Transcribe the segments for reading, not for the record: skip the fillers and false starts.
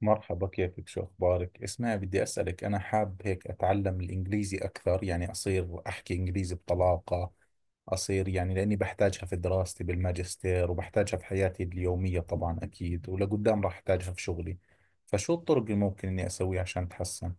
مرحبا، كيفك؟ شو أخبارك؟ اسمعي، بدي أسألك. أنا حاب هيك أتعلم الإنجليزي أكثر، يعني أصير أحكي إنجليزي بطلاقة، أصير، يعني لأني بحتاجها في دراستي بالماجستير، وبحتاجها في حياتي اليومية طبعا أكيد، ولقدام راح أحتاجها في شغلي. فشو الطرق اللي ممكن إني أسويها عشان أتحسن؟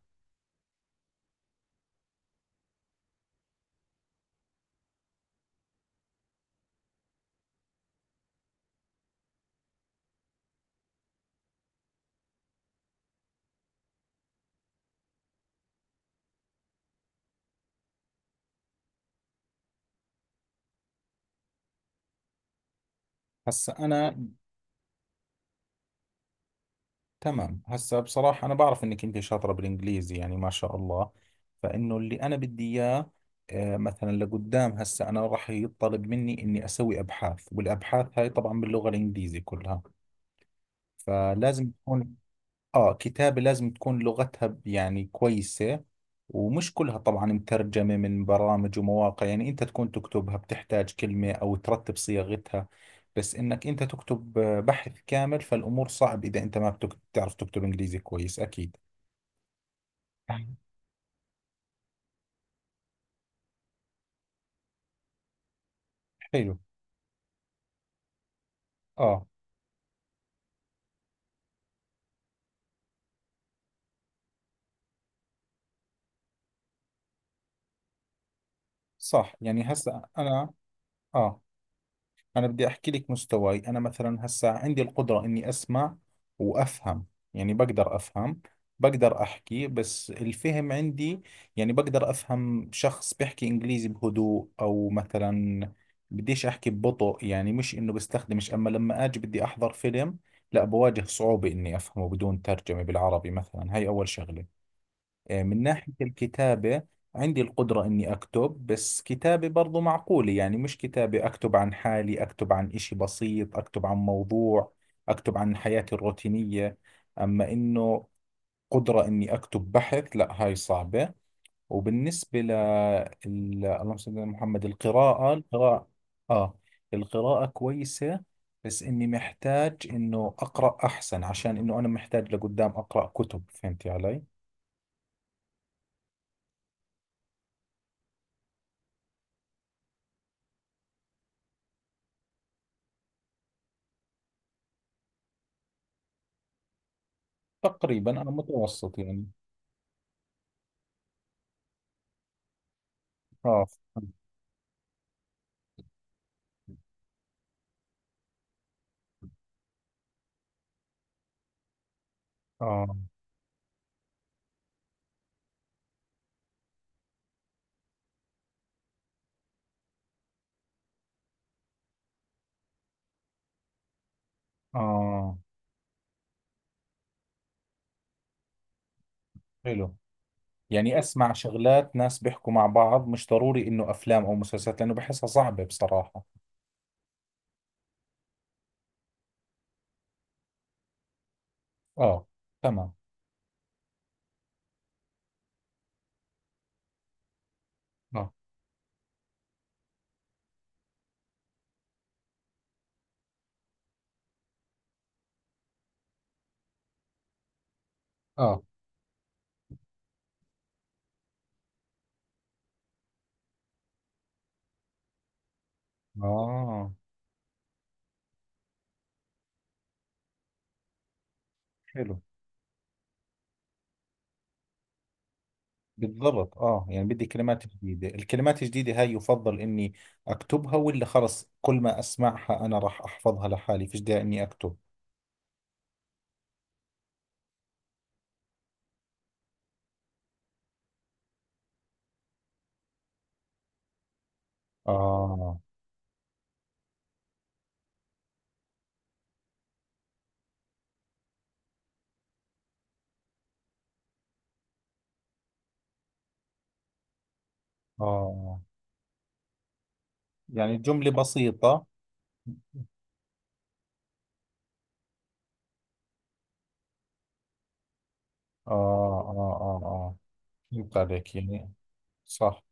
هسا أنا. تمام، هسا بصراحة أنا بعرف إنك أنت شاطرة بالإنجليزي يعني ما شاء الله. فإنه اللي أنا بدي إياه. مثلا لقدام هسا أنا راح يطلب مني إني أسوي أبحاث، والأبحاث هاي طبعا باللغة الإنجليزي كلها. فلازم تكون. آه، كتابة لازم تكون لغتها يعني كويسة. ومش كلها طبعا مترجمة من برامج ومواقع، يعني أنت تكون تكتبها، بتحتاج كلمة أو ترتب صياغتها. بس إنك أنت تكتب بحث كامل، فالأمور صعب إذا أنت ما بتعرف تكتب إنجليزي كويس أكيد. حلو. آه، صح، يعني هسا أنا. آه، انا بدي احكي لك مستواي. انا مثلا هسا عندي القدرة اني اسمع وافهم. يعني بقدر افهم، بقدر احكي، بس الفهم عندي، يعني بقدر افهم شخص بيحكي انجليزي بهدوء، او مثلا بديش احكي ببطء، يعني مش انه بستخدمش، اما لما اجي بدي احضر فيلم لا، بواجه صعوبة اني افهمه بدون ترجمة بالعربي. مثلا، هاي اول شغلة. من ناحية الكتابة عندي القدرة إني أكتب، بس كتابة برضو معقولة. يعني مش كتابة، أكتب عن حالي، أكتب عن إشي بسيط، أكتب عن موضوع، أكتب عن حياتي الروتينية. أما إنه قدرة إني أكتب بحث، لا، هاي صعبة. وبالنسبة اللهم صل على محمد. آه القراءة كويسة، بس إني محتاج إنه أقرأ أحسن، عشان إنه أنا محتاج لقدام أقرأ كتب. فهمتي علي؟ تقريبا انا متوسط يعني. اه، اه، اه. حلو. يعني اسمع شغلات ناس بيحكوا مع بعض، مش ضروري انه افلام او مسلسلات لانه بحسها صعبة بصراحة. اه، تمام. اه، اه، اه. حلو، بالضبط، اه، يعني بدي كلمات جديدة. الكلمات الجديدة هاي يفضل اني اكتبها، ولا خلص كل ما اسمعها انا راح احفظها لحالي فيش داعي اني اكتب؟ اه، اه، يعني جملة بسيطة، اه. اه، اه، آه. فهمت عليك يعني. صح.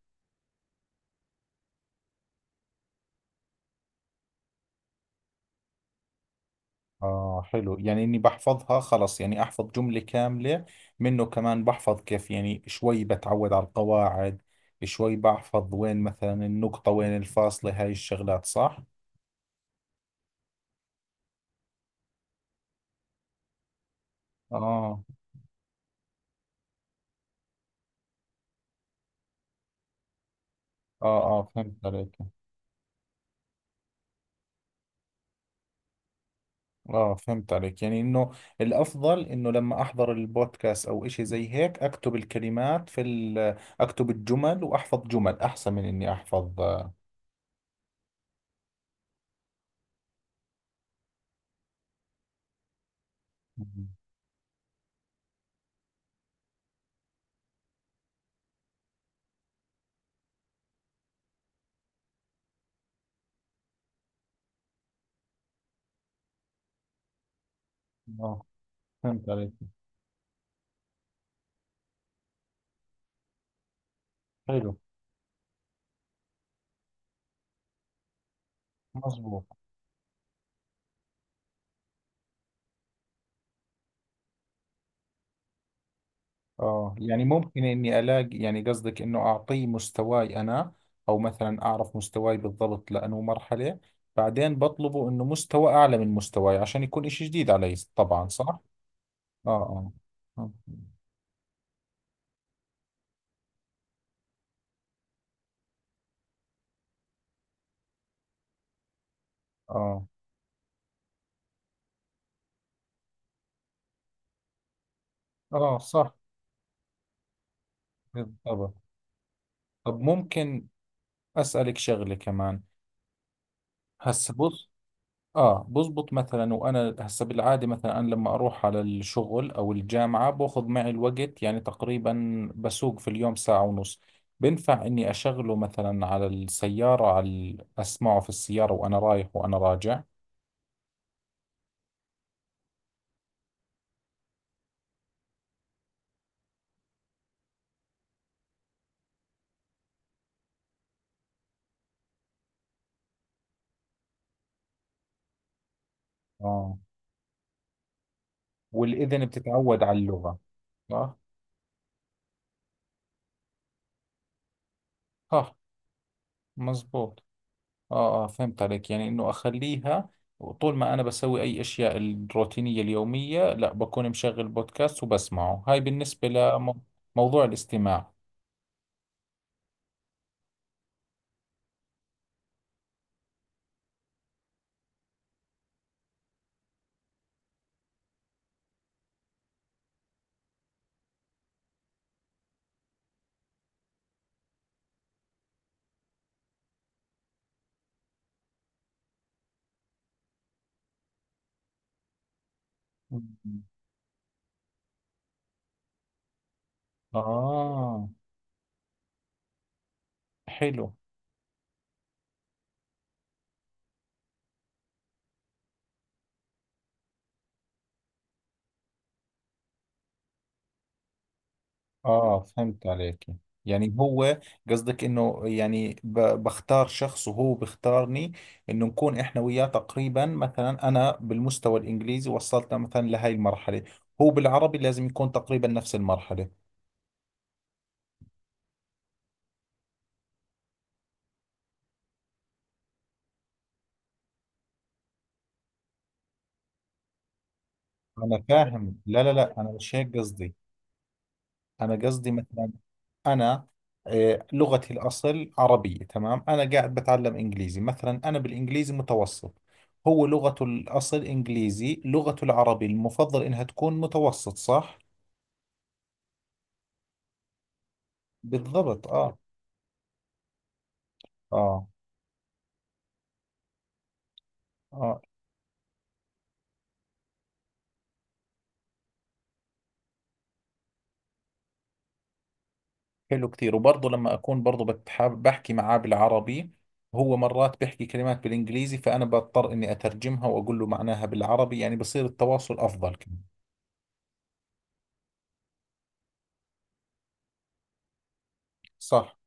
آه، حلو، يعني إني بحفظها خلص يعني أحفظ جملة كاملة، منه كمان بحفظ كيف، يعني شوي بتعود على القواعد، شوي بحفظ وين مثلا النقطة وين الفاصلة، هاي الشغلات صح؟ آه. آه، آه، فهمت عليك. آه، فهمت عليك، يعني إنه الأفضل إنه لما أحضر البودكاست أو إشي زي هيك أكتب الكلمات في ال أكتب الجمل وأحفظ جمل أحسن من إني أحفظ آه. آه، فهمت عليك. حلو. مظبوط. اه، يعني ممكن اني الاقي، يعني قصدك انه اعطيه مستواي انا، او مثلا اعرف مستواي بالضبط لانه مرحلة، بعدين بطلبه انه مستوى اعلى من مستواي عشان يكون اشي جديد علي طبعا، صح؟ اه، اه، اه، اه. آه، صح، بالضبط. طب ممكن اسألك شغلة كمان؟ هسه بص. اه، بزبط مثلا، وانا هسه بالعاده مثلا انا لما اروح على الشغل او الجامعه باخذ معي الوقت، يعني تقريبا بسوق في اليوم ساعه ونص. بنفع اني اشغله مثلا على السياره، اسمعه في السياره وانا رايح وانا راجع؟ اه، والاذن بتتعود على اللغه. صح، صح، مزبوط. اه، اه، فهمت عليك، يعني انه اخليها طول ما انا بسوي اي اشياء الروتينيه اليوميه، لا، بكون مشغل بودكاست وبسمعه. هاي بالنسبه لموضوع الاستماع. مم. آه، حلو. آه، فهمت عليك، يعني هو قصدك إنه، يعني بختار شخص وهو بختارني، إنه نكون إحنا وياه تقريبا، مثلا أنا بالمستوى الإنجليزي وصلت مثلا لهاي المرحلة، هو بالعربي لازم يكون تقريبا نفس المرحلة. أنا فاهم، لا، لا، لا، أنا مش هيك قصدي. أنا قصدي مثلا، أنا لغتي الأصل عربية، تمام. أنا قاعد بتعلم إنجليزي، مثلا أنا بالإنجليزي متوسط، هو لغته الأصل إنجليزي، لغته العربي المفضل إنها تكون متوسط، صح؟ بالضبط. آه، آه، آه. حلو كثير. وبرضه لما أكون برضه بتحاب بحكي معاه بالعربي، هو مرات بيحكي كلمات بالإنجليزي فأنا بضطر إني أترجمها وأقول له معناها بالعربي، يعني بصير التواصل أفضل كمان. صح.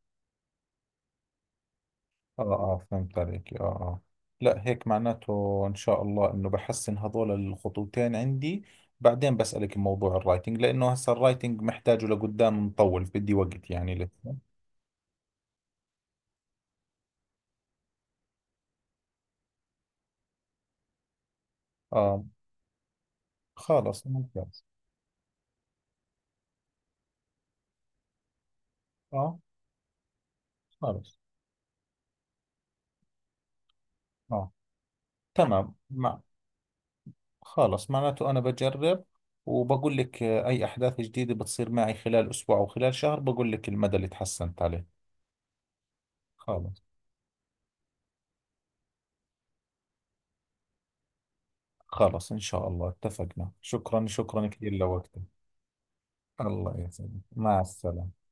اه، اه، فهمت عليك، اه، اه. لا، هيك معناته ان شاء الله انه بحسن هذول الخطوتين عندي. بعدين بسألك موضوع الرايتنج، لانه هسه الرايتنج محتاجه لقدام مطول، بدي وقت يعني لسه. اه، خلص ممتاز. اه. خلص. اه. تمام، مع. خلص، معناته انا بجرب وبقول لك اي احداث جديدة بتصير معي خلال اسبوع او خلال شهر، بقول لك المدى اللي تحسنت عليه. خلص. خلص ان شاء الله، اتفقنا. شكرا، شكرا كثير لوقتك. الله يسلمك، مع السلامة.